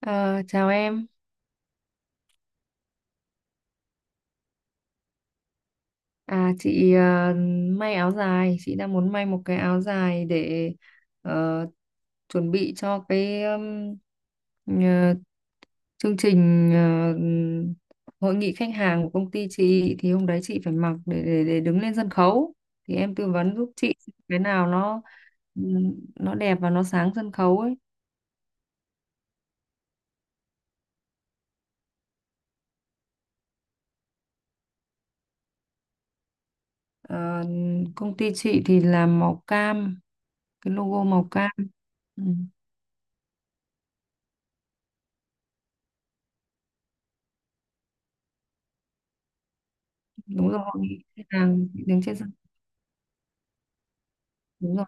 Ờ, chào em. À, chị may áo dài. Chị đang muốn may một cái áo dài để ờ, chuẩn bị cho cái ờ, chương trình, hội nghị khách hàng của công ty chị, thì hôm đấy chị phải mặc để đứng lên sân khấu. Thì em tư vấn giúp chị cái nào nó đẹp và nó sáng sân khấu ấy. Ờ, công ty chị thì làm màu cam, cái logo màu cam. Ừ, đúng rồi, hội nghị khách hàng đứng trên sân, đúng rồi.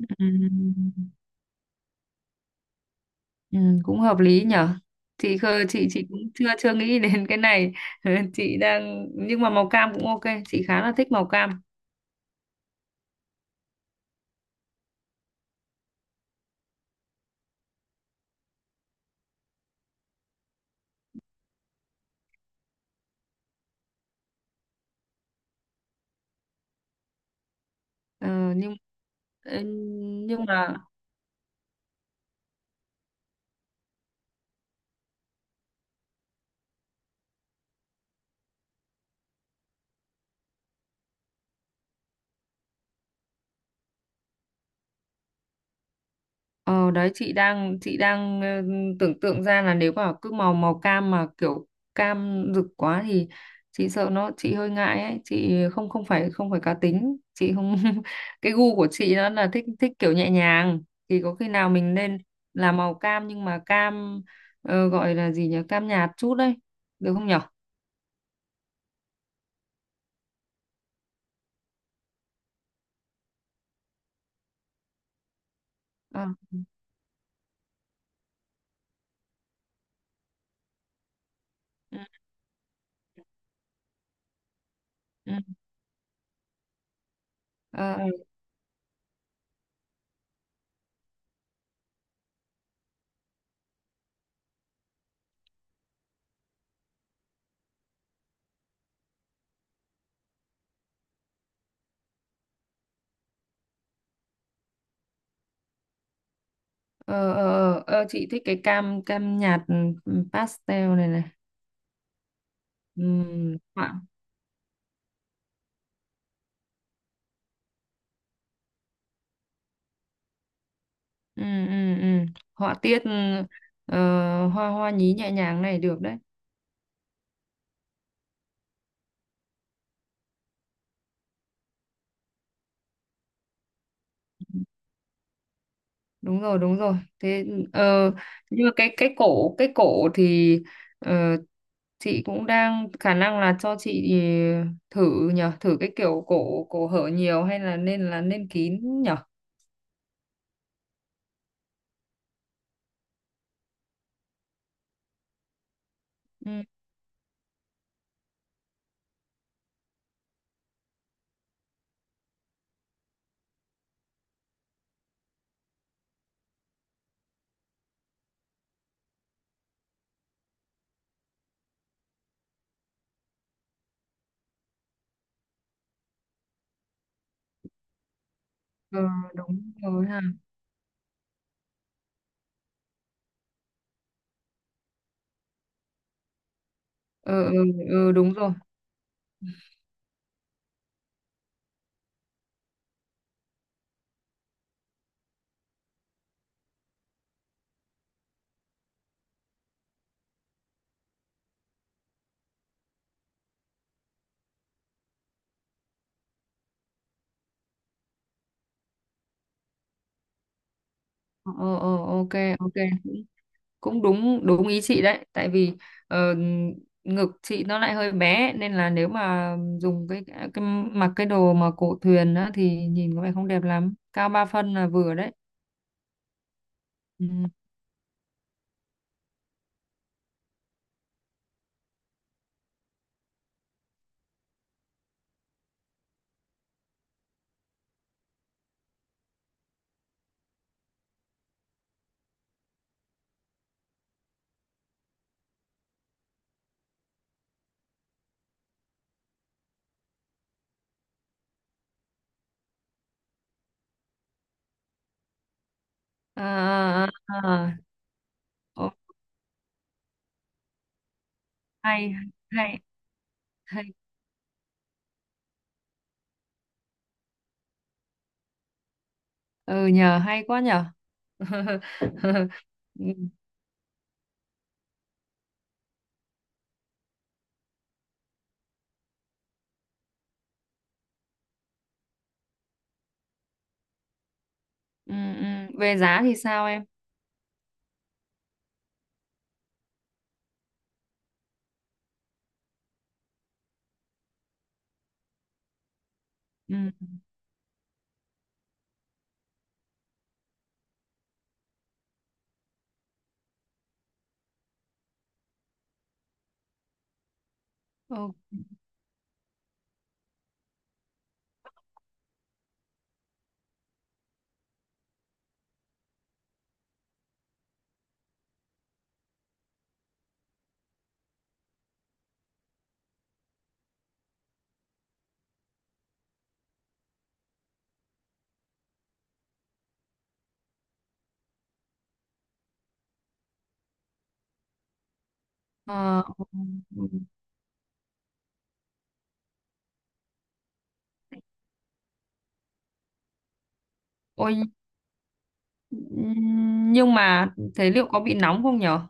Ừ, ừ, cũng hợp lý nhở. Chị khơ chị chị cũng chưa chưa nghĩ đến cái này. chị đang Nhưng mà màu cam cũng ok, chị khá là thích màu cam. Ờ, nhưng ừ, nhưng mà, Ờ đấy chị đang tưởng tượng ra là nếu mà cứ màu màu cam mà kiểu cam rực quá thì chị sợ nó, chị hơi ngại ấy, chị không không phải cá tính, chị không. Cái gu của chị nó là thích thích kiểu nhẹ nhàng. Thì có khi nào mình nên là màu cam, nhưng mà cam, gọi là gì nhỉ, cam nhạt chút đấy, được không nhở? Ờ, ừ, ừ. Ờ, ờ, ờ, ờ, ờ, chị thích cái cam cam nhạt, pastel này này. Ừ, ừ, ừ, ừ. Họa tiết, hoa hoa nhí nhẹ nhàng này được đấy. Đúng rồi, đúng rồi. Thế, ờ, nhưng mà cái cổ, cái cổ thì, ờ, chị cũng đang khả năng là cho chị thử nhở, thử cái kiểu cổ cổ hở nhiều hay là nên kín nhở? Ừ, ờ, đúng rồi ha. Ờ, ờ, ờ, đúng rồi. Ờ, ờ, ờ, ok, ok. Cũng đúng, đúng ý chị đấy. Tại vì ờ, ngực chị nó lại hơi bé, nên là nếu mà dùng cái mặc cái đồ mà cổ thuyền á, thì nhìn có vẻ không đẹp lắm. Cao 3 phân là vừa đấy. Ừ. À, à, à. À. Ồ, hay, hay, hay. Ừ nhờ, hay quá nhờ. Ừ, ừ, ừ. Về giá thì sao em? Ừ. Ừ. Ờ, ừ. Ôi. Ừ, nhưng mà thế liệu có bị nóng không nhở?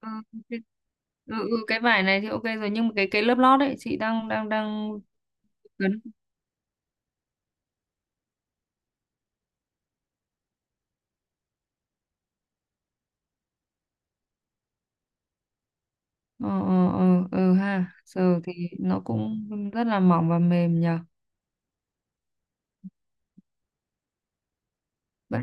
Ờ, cái- cái vải này thì ok rồi, nhưng mà cái lớp lót ấy chị đang đang đang cấn. Ờ, ờ, ờ, ừ, ha, giờ thì nó cũng rất là mỏng và mềm nhờ. Vậy,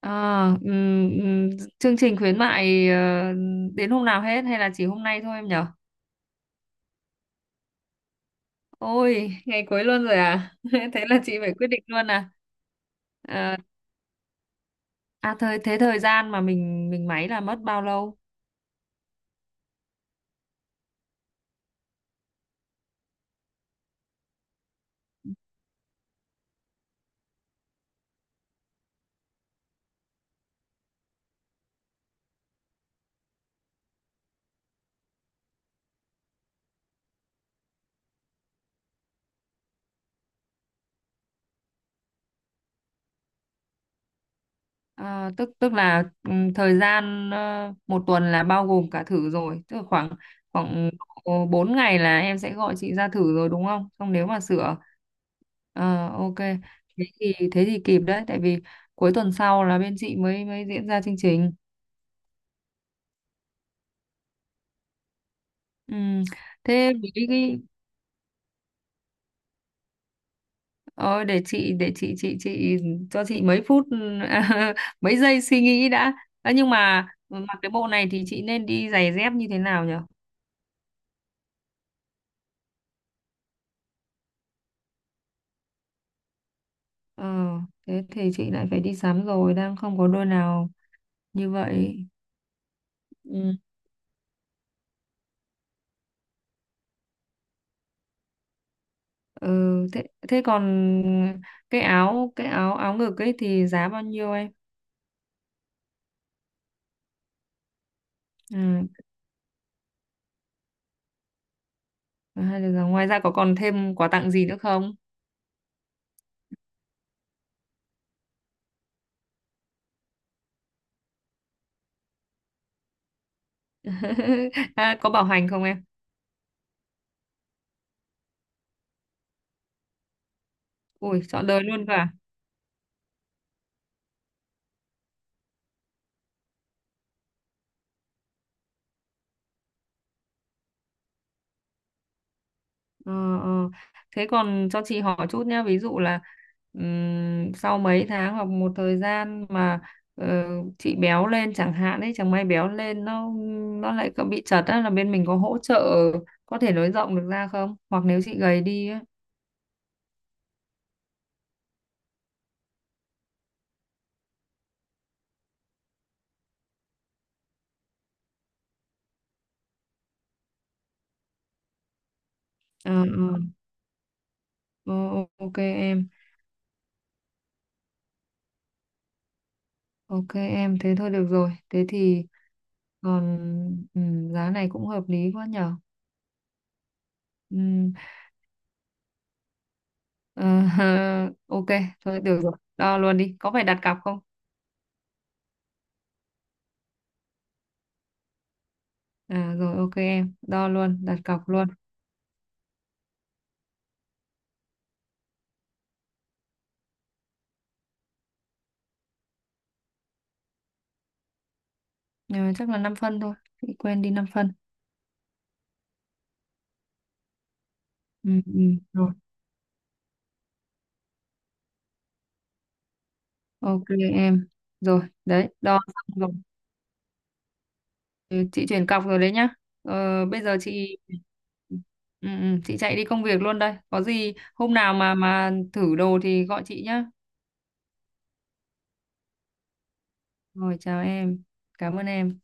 à, ừm, ừm, chương trình khuyến mại đến hôm nào hết hay là chỉ hôm nay thôi em nhở? Ôi, ngày cuối luôn rồi à? Thế là chị phải quyết định luôn à? Ờ, à, thời gian mà mình máy là mất bao lâu? À, tức tức là thời gian, một tuần là bao gồm cả thử rồi, tức là khoảng khoảng độ 4 ngày là em sẽ gọi chị ra thử rồi đúng không? Xong nếu mà sửa, ok. Thế thì kịp đấy, tại vì cuối tuần sau là bên chị mới mới diễn ra chương trình. Ừm, thế mấy cái, ờ, để chị cho chị mấy phút, mấy giây suy nghĩ đã. Ờ, nhưng mà mặc cái bộ này thì chị nên đi giày dép như thế nào nhỉ? Ờ, thế thì chị lại phải đi sắm rồi, đang không có đôi nào như vậy. Ừ. Ừ, thế thế còn cái áo áo ngực ấy thì giá bao nhiêu em? Ừ, hay là ngoài ra có còn thêm quà tặng gì nữa không? À, có bảo hành không em? Ui, chọn đời luôn cơ à? Ờ, ờ. Thế còn cho chị hỏi chút nhé, ví dụ là sau mấy tháng hoặc một thời gian mà, ờ, chị béo lên chẳng hạn ấy, chẳng may béo lên, nó lại có bị chật á, là bên mình có hỗ trợ có thể nới rộng được ra không? Hoặc nếu chị gầy đi á. Ờ, ờ, ờ, ok em, ok em, thế thôi được rồi. Thế thì còn, giá này cũng hợp lý quá nhở. Ừm, ờ, ok, thôi được rồi, đo luôn đi. Có phải đặt cọc không? À rồi, ok em, đo luôn, đặt cọc luôn. Nhưng chắc là 5 phân thôi, chị quên đi, 5 phân. Ừ, ừ, rồi, ok em. Rồi, đấy, đo xong rồi, chị chuyển cọc rồi đấy nhá. Ờ, bây giờ chị chạy đi công việc luôn đây. Có gì hôm nào mà thử đồ thì gọi chị nhá. Rồi, chào em. Cảm ơn em.